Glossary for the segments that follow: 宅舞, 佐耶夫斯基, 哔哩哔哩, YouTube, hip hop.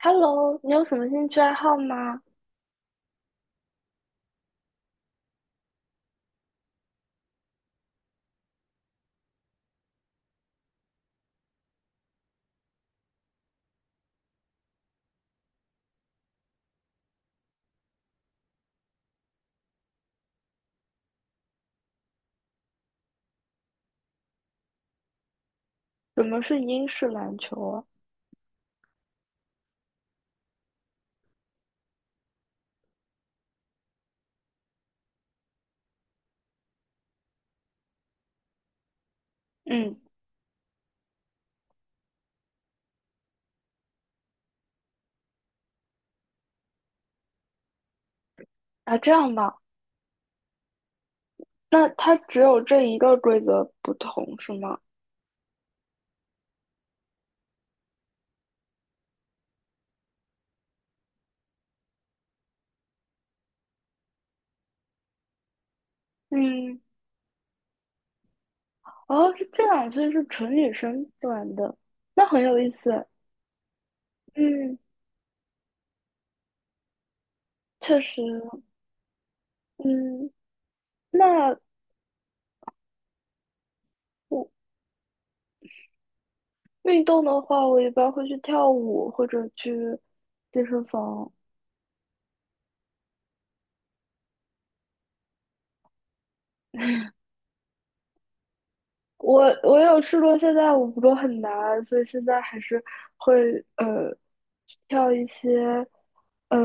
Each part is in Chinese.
Hello,你有什么兴趣爱好吗？什么是英式篮球啊？嗯。啊，这样吧。那它只有这一个规则不同是吗？嗯。哦，是这样，所以是纯女生玩的，那很有意思。嗯，确实。嗯，那我运动的话，我一般会去跳舞或者去健身房。我有试过，现在舞不都很难，所以现在还是会呃跳一些呃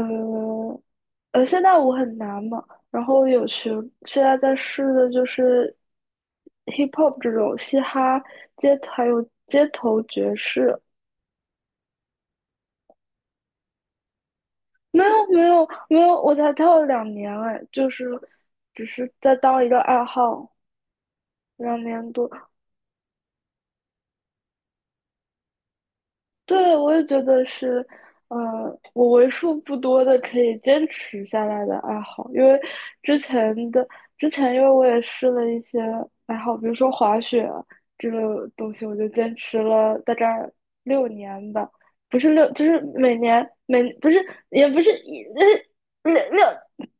现在舞很难嘛，然后有学，现在在试的就是 hip hop 这种嘻哈街头，还有街头爵士。没有没有没有，我才跳了两年哎，就是只是在当一个爱好，2年多。对，我也觉得是，呃，我为数不多的可以坚持下来的爱好，因为之前的之前，因为我也试了一些爱好，比如说滑雪啊这个东西，我就坚持了大概六年吧，不是六，就是每年每不是也不是呃六六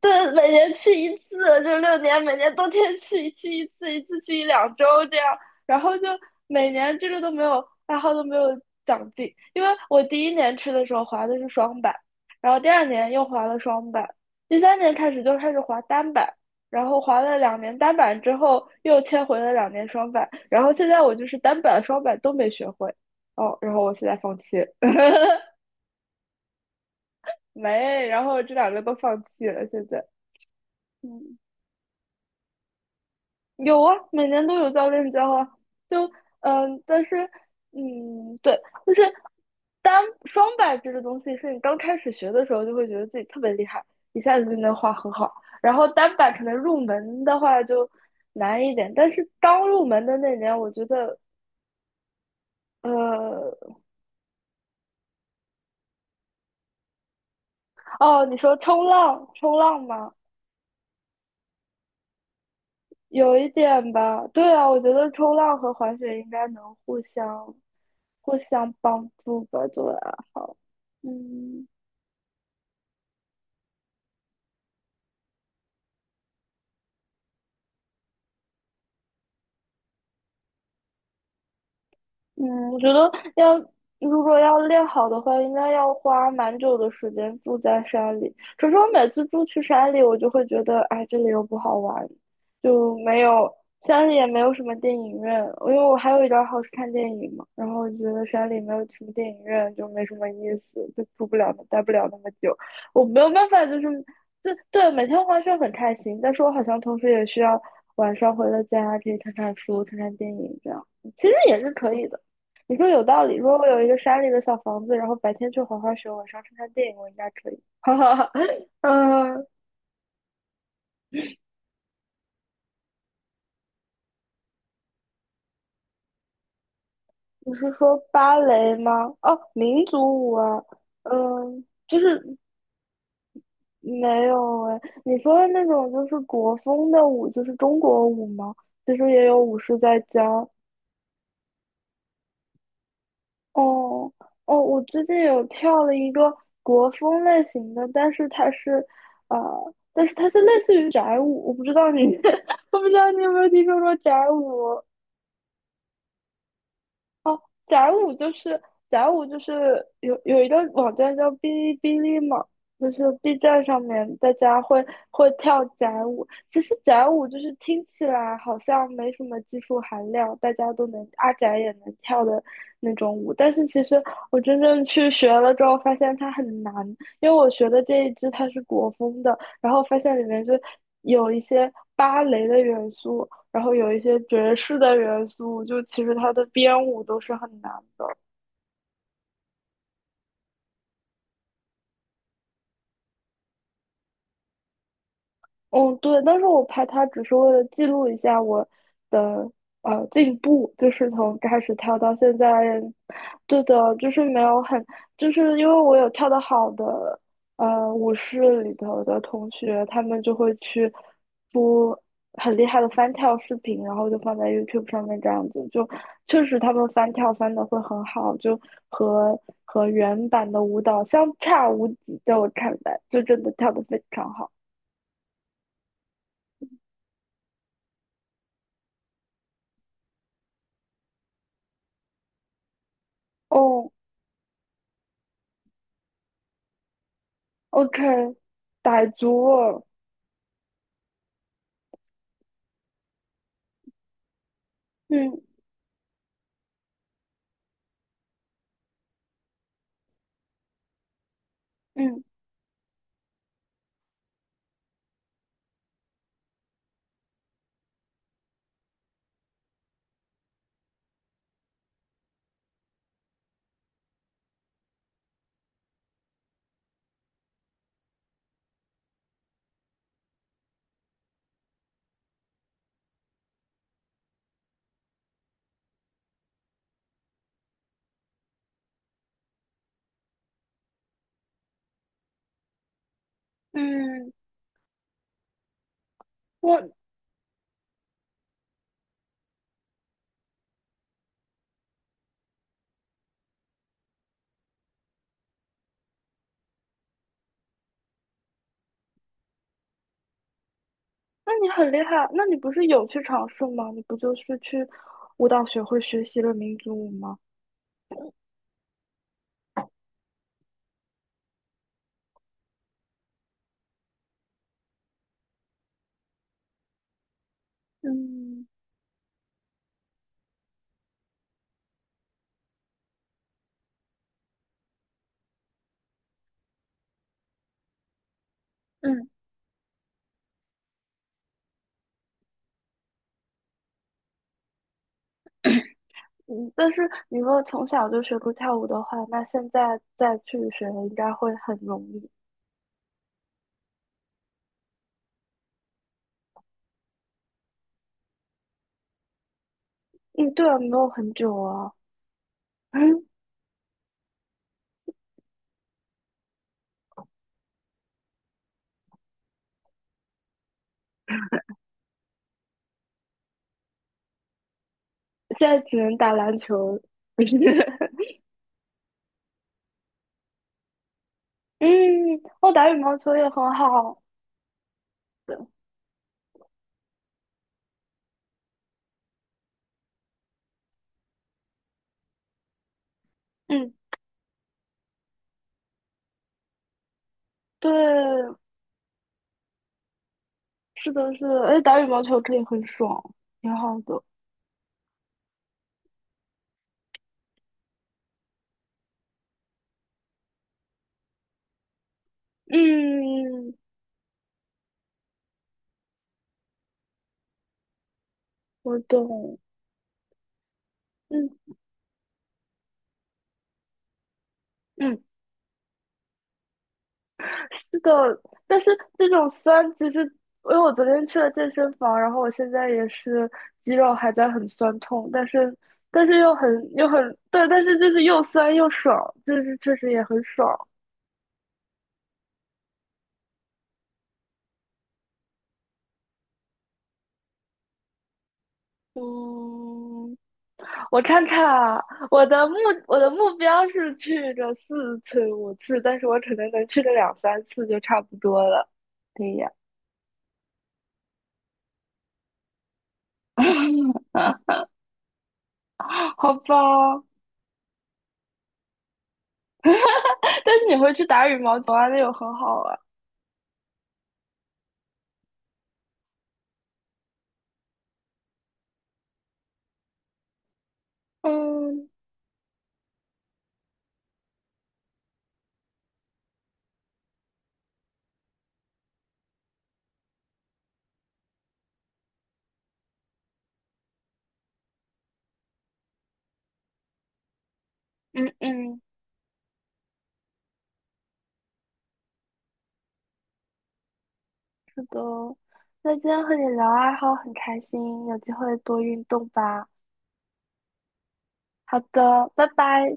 对，每年去一次，就六年，每年冬天去去一次，一次去一两周这样。然后就每年这个都没有爱好都没有长进，因为我第一年吃的时候滑的是双板，然后第二年又滑了双板，第三年开始就开始滑单板，然后滑了两年单板之后又切回了两年双板，然后现在我就是单板双板都没学会。哦，然后我现在放弃 没，然后这两个都放弃了，现在。嗯。有啊，每年都有教练教啊，就但是对，就是单双板这个东西，是你刚开始学的时候就会觉得自己特别厉害，一下子就能画很好。然后单板可能入门的话就难一点，但是刚入门的那年，我觉得呃，哦，你说冲浪，冲浪吗？有一点吧，对啊，我觉得冲浪和滑雪应该能互相帮助吧，作为爱好。嗯。嗯，我觉得要如果要练好的话，应该要花蛮久的时间住在山里。可是我每次住去山里，我就会觉得，哎，这里又不好玩，就没有山里也没有什么电影院，因为我还有一点好是看电影嘛。然后我觉得山里没有什么电影院，就没什么意思，就住不了，待不了那么久。我没有办法，就对每天滑雪很开心，但是我好像同时也需要晚上回了家可以看看书、看看电影这样，其实也是可以的。你说有道理。如果我有一个山里的小房子，然后白天去滑滑雪，晚上去看电影，我应该可以。哈哈哈。嗯，你是说芭蕾吗？哦，民族舞啊。嗯，就是没有哎。你说的那种就是国风的舞，就是中国舞吗？其实也有舞狮在教。哦。哦，我最近有跳了一个国风类型的，但是它是，但是它是类似于宅舞，我不知道你，我不知道你有没有听说过宅舞。哦，宅舞就是有一个网站叫哔哩哔哩嘛，就是 B 站上面大家会跳宅舞。其实宅舞就是听起来好像没什么技术含量，大家都能阿宅也能跳的那种舞，但是其实我真正去学了之后，发现它很难，因为我学的这一支它是国风的，然后发现里面就有一些芭蕾的元素，然后有一些爵士的元素，就其实它的编舞都是很难的。嗯，对，但是我拍它只是为了记录一下我的进步，就是从开始跳到现在。对的，就是没有很，就是因为我有跳得好的舞室里头的同学，他们就会去播很厉害的翻跳视频，然后就放在 YouTube 上面这样子，就确实他们翻跳翻的会很好，就和和原版的舞蹈相差无几，在我看来，就真的跳得非常好。哦，OK，傣族哦。嗯。嗯。嗯，我，那你很厉害，那你不是有去尝试吗？你不就是去舞蹈学会学习了民族舞吗？嗯。嗯。嗯，但是你如果从小就学过跳舞的话，那现在再去学应该会很容易。嗯，对啊，没有很久啊。现在只能打篮球。嗯，我打羽毛球也很好。嗯。对。嗯，对，是的，是的，而且打羽毛球可以很爽，挺好的。嗯，我懂。嗯嗯，是的。但是这种酸，其实因为我昨天去了健身房，然后我现在也是肌肉还在很酸痛，但是但是又很又很对，但是就是又酸又爽，就是确实也很爽。嗯，我看看啊，我的目我的目标是去个4次5次，但是我可能能去个两三次就差不多了。对呀。好吧。但是你会去打羽毛球啊，那有很好啊。嗯。嗯。嗯，是的。那今天和你聊爱好很开心，有机会多运动吧。好的，拜拜。